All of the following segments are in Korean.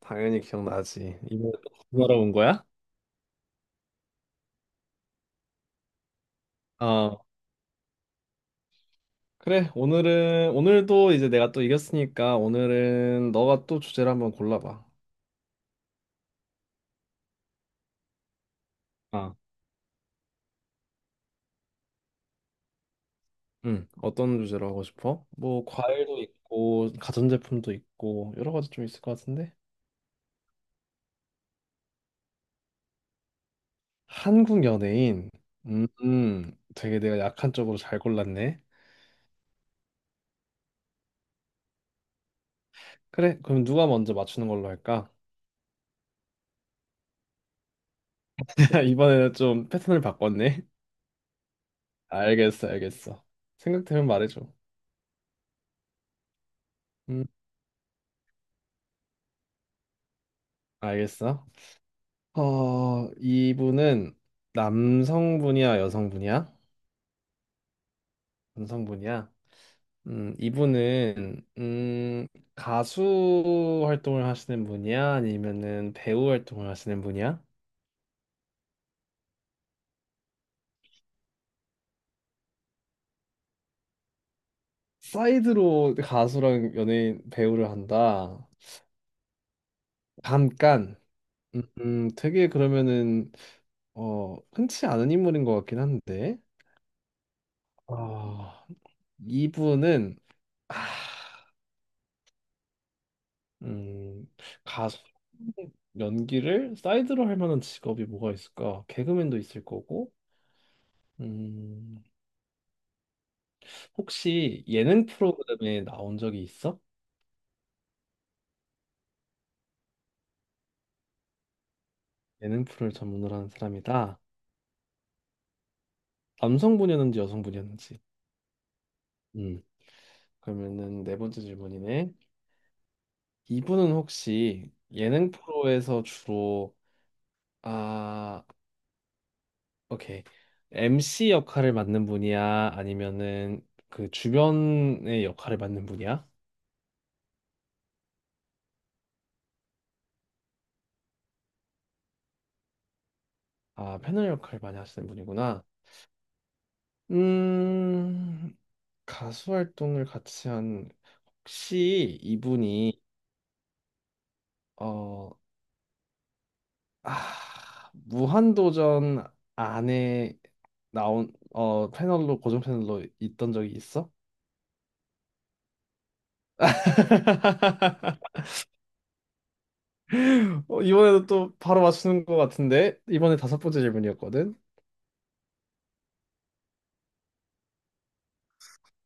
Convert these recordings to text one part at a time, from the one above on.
당연히 기억나지. 이번에 또 공부하러 온 거야? 어, 그래. 오늘은, 오늘도 이제 내가 또 이겼으니까 오늘은 너가 또 주제를 한번 골라봐. 아. 응, 어떤 주제로 하고 싶어? 뭐, 과일도 있고, 가전제품도 있고, 여러 가지 좀 있을 것 같은데? 한국 연예인. 음, 되게 내가 약한 쪽으로 잘 골랐네. 그래, 그럼 누가 먼저 맞추는 걸로 할까? 이번에는 좀 패턴을 바꿨네. 알겠어. 생각되면 말해줘. 음, 알겠어. 어, 이분은 남성분이야, 여성분이야? 남성분이야? 이분은 가수 활동을 하시는 분이야? 아니면은 배우 활동을 하시는 분이야? 사이드로 가수랑 연예인 배우를 한다. 잠깐. 되게 그러면은 어, 흔치 않은 인물인 것 같긴 한데. 어, 이분은 아, 음, 가수 연기를 사이드로 할 만한 직업이 뭐가 있을까? 개그맨도 있을 거고. 음, 혹시 예능 프로그램에 나온 적이 있어? 예능 프로를 전문으로 하는 사람이다. 남성분이었는지 여성분이었는지. 음, 그러면은 네 번째 질문이네. 이분은 혹시 예능 프로에서 주로 아, 오케이. MC 역할을 맡는 분이야? 아니면은 그 주변의 역할을 맡는 분이야? 아, 패널 역할 많이 하시는 분이구나. 음, 가수 활동을 같이 한 혹시 이분이 어, 아, 무한도전 안에 나온 패널로 고정 패널로 있던 적이 있어? 어, 이번에도 또 바로 맞추는 것 같은데 이번에 다섯 번째 질문이었거든.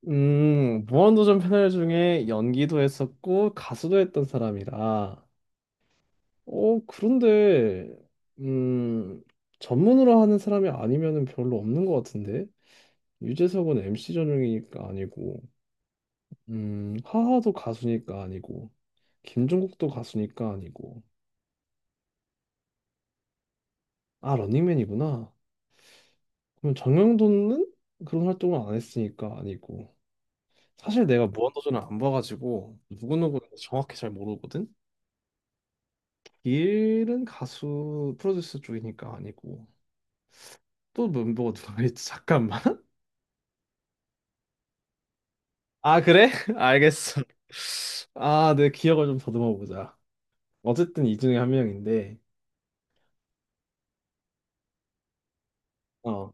무한도전 패널 중에 연기도 했었고 가수도 했던 사람이라. 어, 그런데, 음, 전문으로 하는 사람이 아니면은 별로 없는 것 같은데? 유재석은 MC 전용이니까 아니고, 하하도 가수니까 아니고, 김종국도 가수니까 아니고, 아, 런닝맨이구나. 그럼 정영돈은 그런 활동을 안 했으니까 아니고. 사실 내가 무한도전을 안 봐가지고, 누구누구 정확히 잘 모르거든? 길은 가수 프로듀스 쪽이니까 아니고. 또 멤버가 누가 있지? 잠깐만. 아, 그래? 알겠어. 아, 내 기억을 좀 더듬어 보자. 어쨌든 이 중에 한 명인데, 어,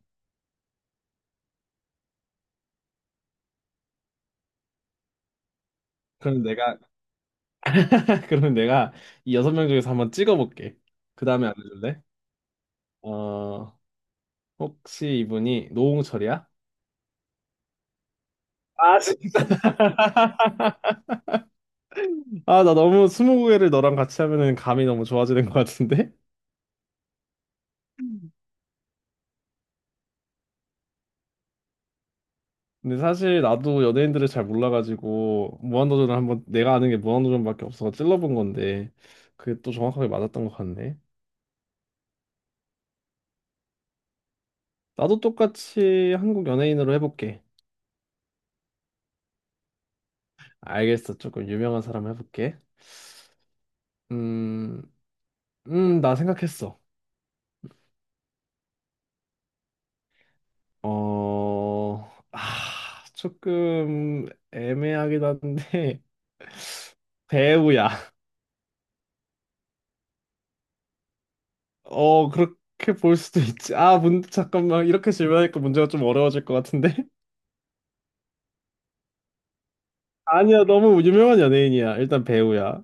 그럼 내가, 그럼 내가 이 여섯 명 중에서 한번 찍어볼게. 그 다음에 알려줄래? 어, 혹시 이분이 노홍철이야? 아, 진- 아, 나 너무 스무고개를 너랑 같이 하면은 감이 너무 좋아지는 것 같은데? 음. 근데 사실 나도 연예인들을 잘 몰라가지고 무한도전을 한번 내가 아는 게 무한도전밖에 없어서 찔러본 건데 그게 또 정확하게 맞았던 것 같네. 나도 똑같이 한국 연예인으로 해볼게. 알겠어. 조금 유명한 사람 해볼게. 음, 나 생각했어. 어, 아, 조금 애매하긴 한데 배우야. 어, 그렇게 볼 수도 있지. 아, 문, 잠깐만. 이렇게 질문하니까 문제가 좀 어려워질 것 같은데. 아니야, 너무 유명한 연예인이야. 일단 배우야.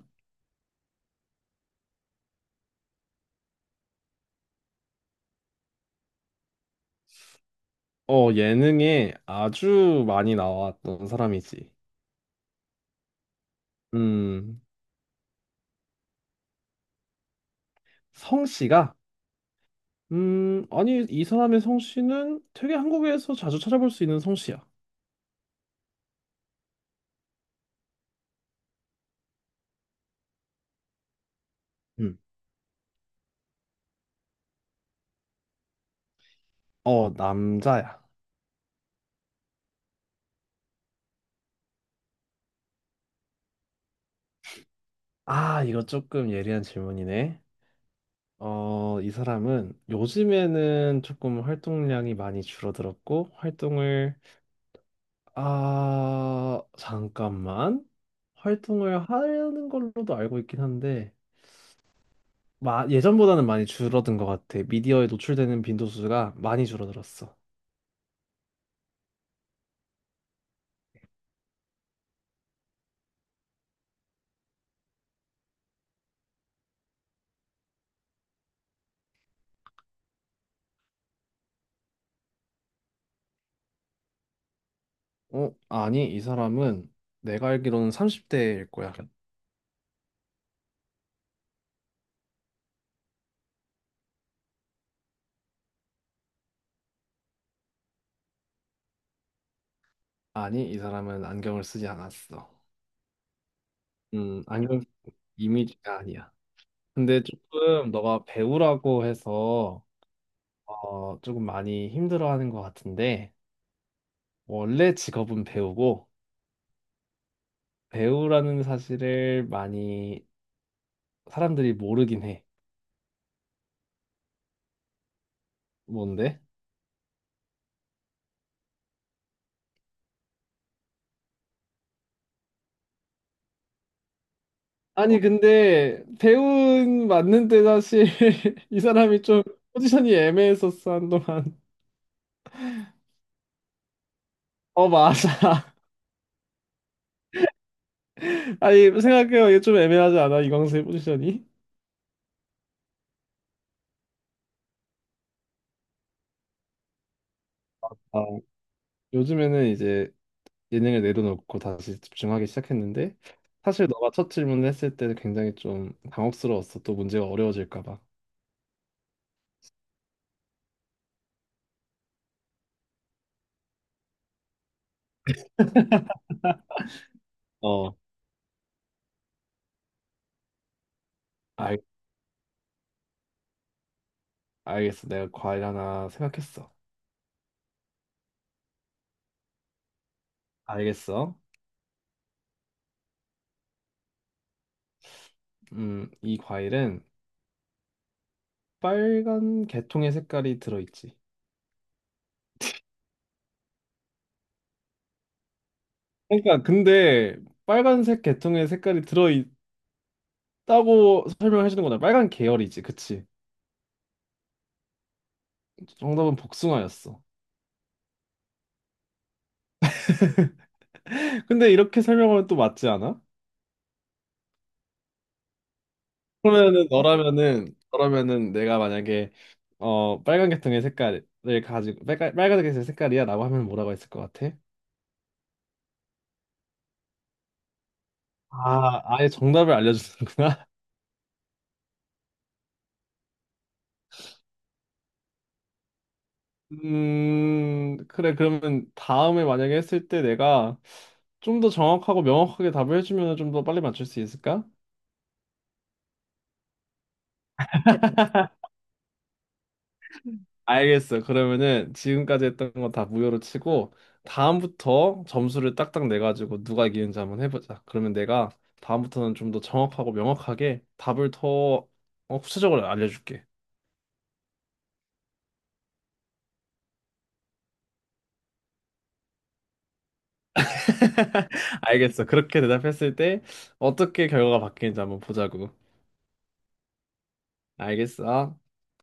어, 예능에 아주 많이 나왔던 사람이지. 음, 성씨가 아니, 이 사람의 성씨는 되게 한국에서 자주 찾아볼 수 있는 성씨야. 음. 어, 남자야. 아, 이거 조금 예리한 질문이네. 어, 이 사람은 요즘에는 조금 활동량이 많이 줄어들었고, 활동을, 아, 잠깐만. 활동을 하는 걸로도 알고 있긴 한데, 마, 예전보다는 많이 줄어든 것 같아. 미디어에 노출되는 빈도수가 많이 줄어들었어. 어, 아니, 이 사람은 내가 알기로는 30대일 거야. 아니, 이 사람은 안경을 쓰지 않았어. 안경 이미지가 아니야. 근데 조금 너가 배우라고 해서 어, 조금 많이 힘들어하는 것 같은데 원래 직업은 배우고 배우라는 사실을 많이 사람들이 모르긴 해. 뭔데? 아니, 근데 배우는 맞는데 사실 이 사람이 좀 포지션이 애매했었어, 한동안. 어, 맞아. 아니 생각해요 이게 좀 애매하지 않아 이광수의 포지션이? 아, 요즘에는 이제 예능을 내려놓고 다시 집중하기 시작했는데 사실 너가 첫 질문을 했을 때는 굉장히 좀 당혹스러웠어. 또 문제가 어려워질까 봐. 어, 알, 알겠어. 내가 과일 하나 생각했어. 알겠어. 이 과일은 빨간 개통의 색깔이 들어있지. 그러니까 근데 빨간색 개통의 색깔이 들어있다고 설명해 주는 거다. 빨간 계열이지, 그치? 정답은 복숭아였어. 근데 이렇게 설명하면 또 맞지 않아? 그러면은 너라면은 내가 만약에 어 빨간 계통의 색깔을 가지고 빨간 계통의 색깔이야라고 하면 뭐라고 했을 것 같아? 아 아예 정답을 알려주는구나. 그래 그러면 다음에 만약에 했을 때 내가 좀 더 정확하고 명확하게 답을 해주면 좀 더 빨리 맞출 수 있을까? 알겠어. 그러면은 지금까지 했던 거 다 무효로 치고 다음부터 점수를 딱딱 내 가지고 누가 이기는지 한번 해보자. 그러면 내가 다음부터는 좀 더 정확하고 명확하게 답을 더 어, 구체적으로 알려줄게. 알겠어. 그렇게 대답했을 때 어떻게 결과가 바뀌는지 한번 보자고. 알겠어.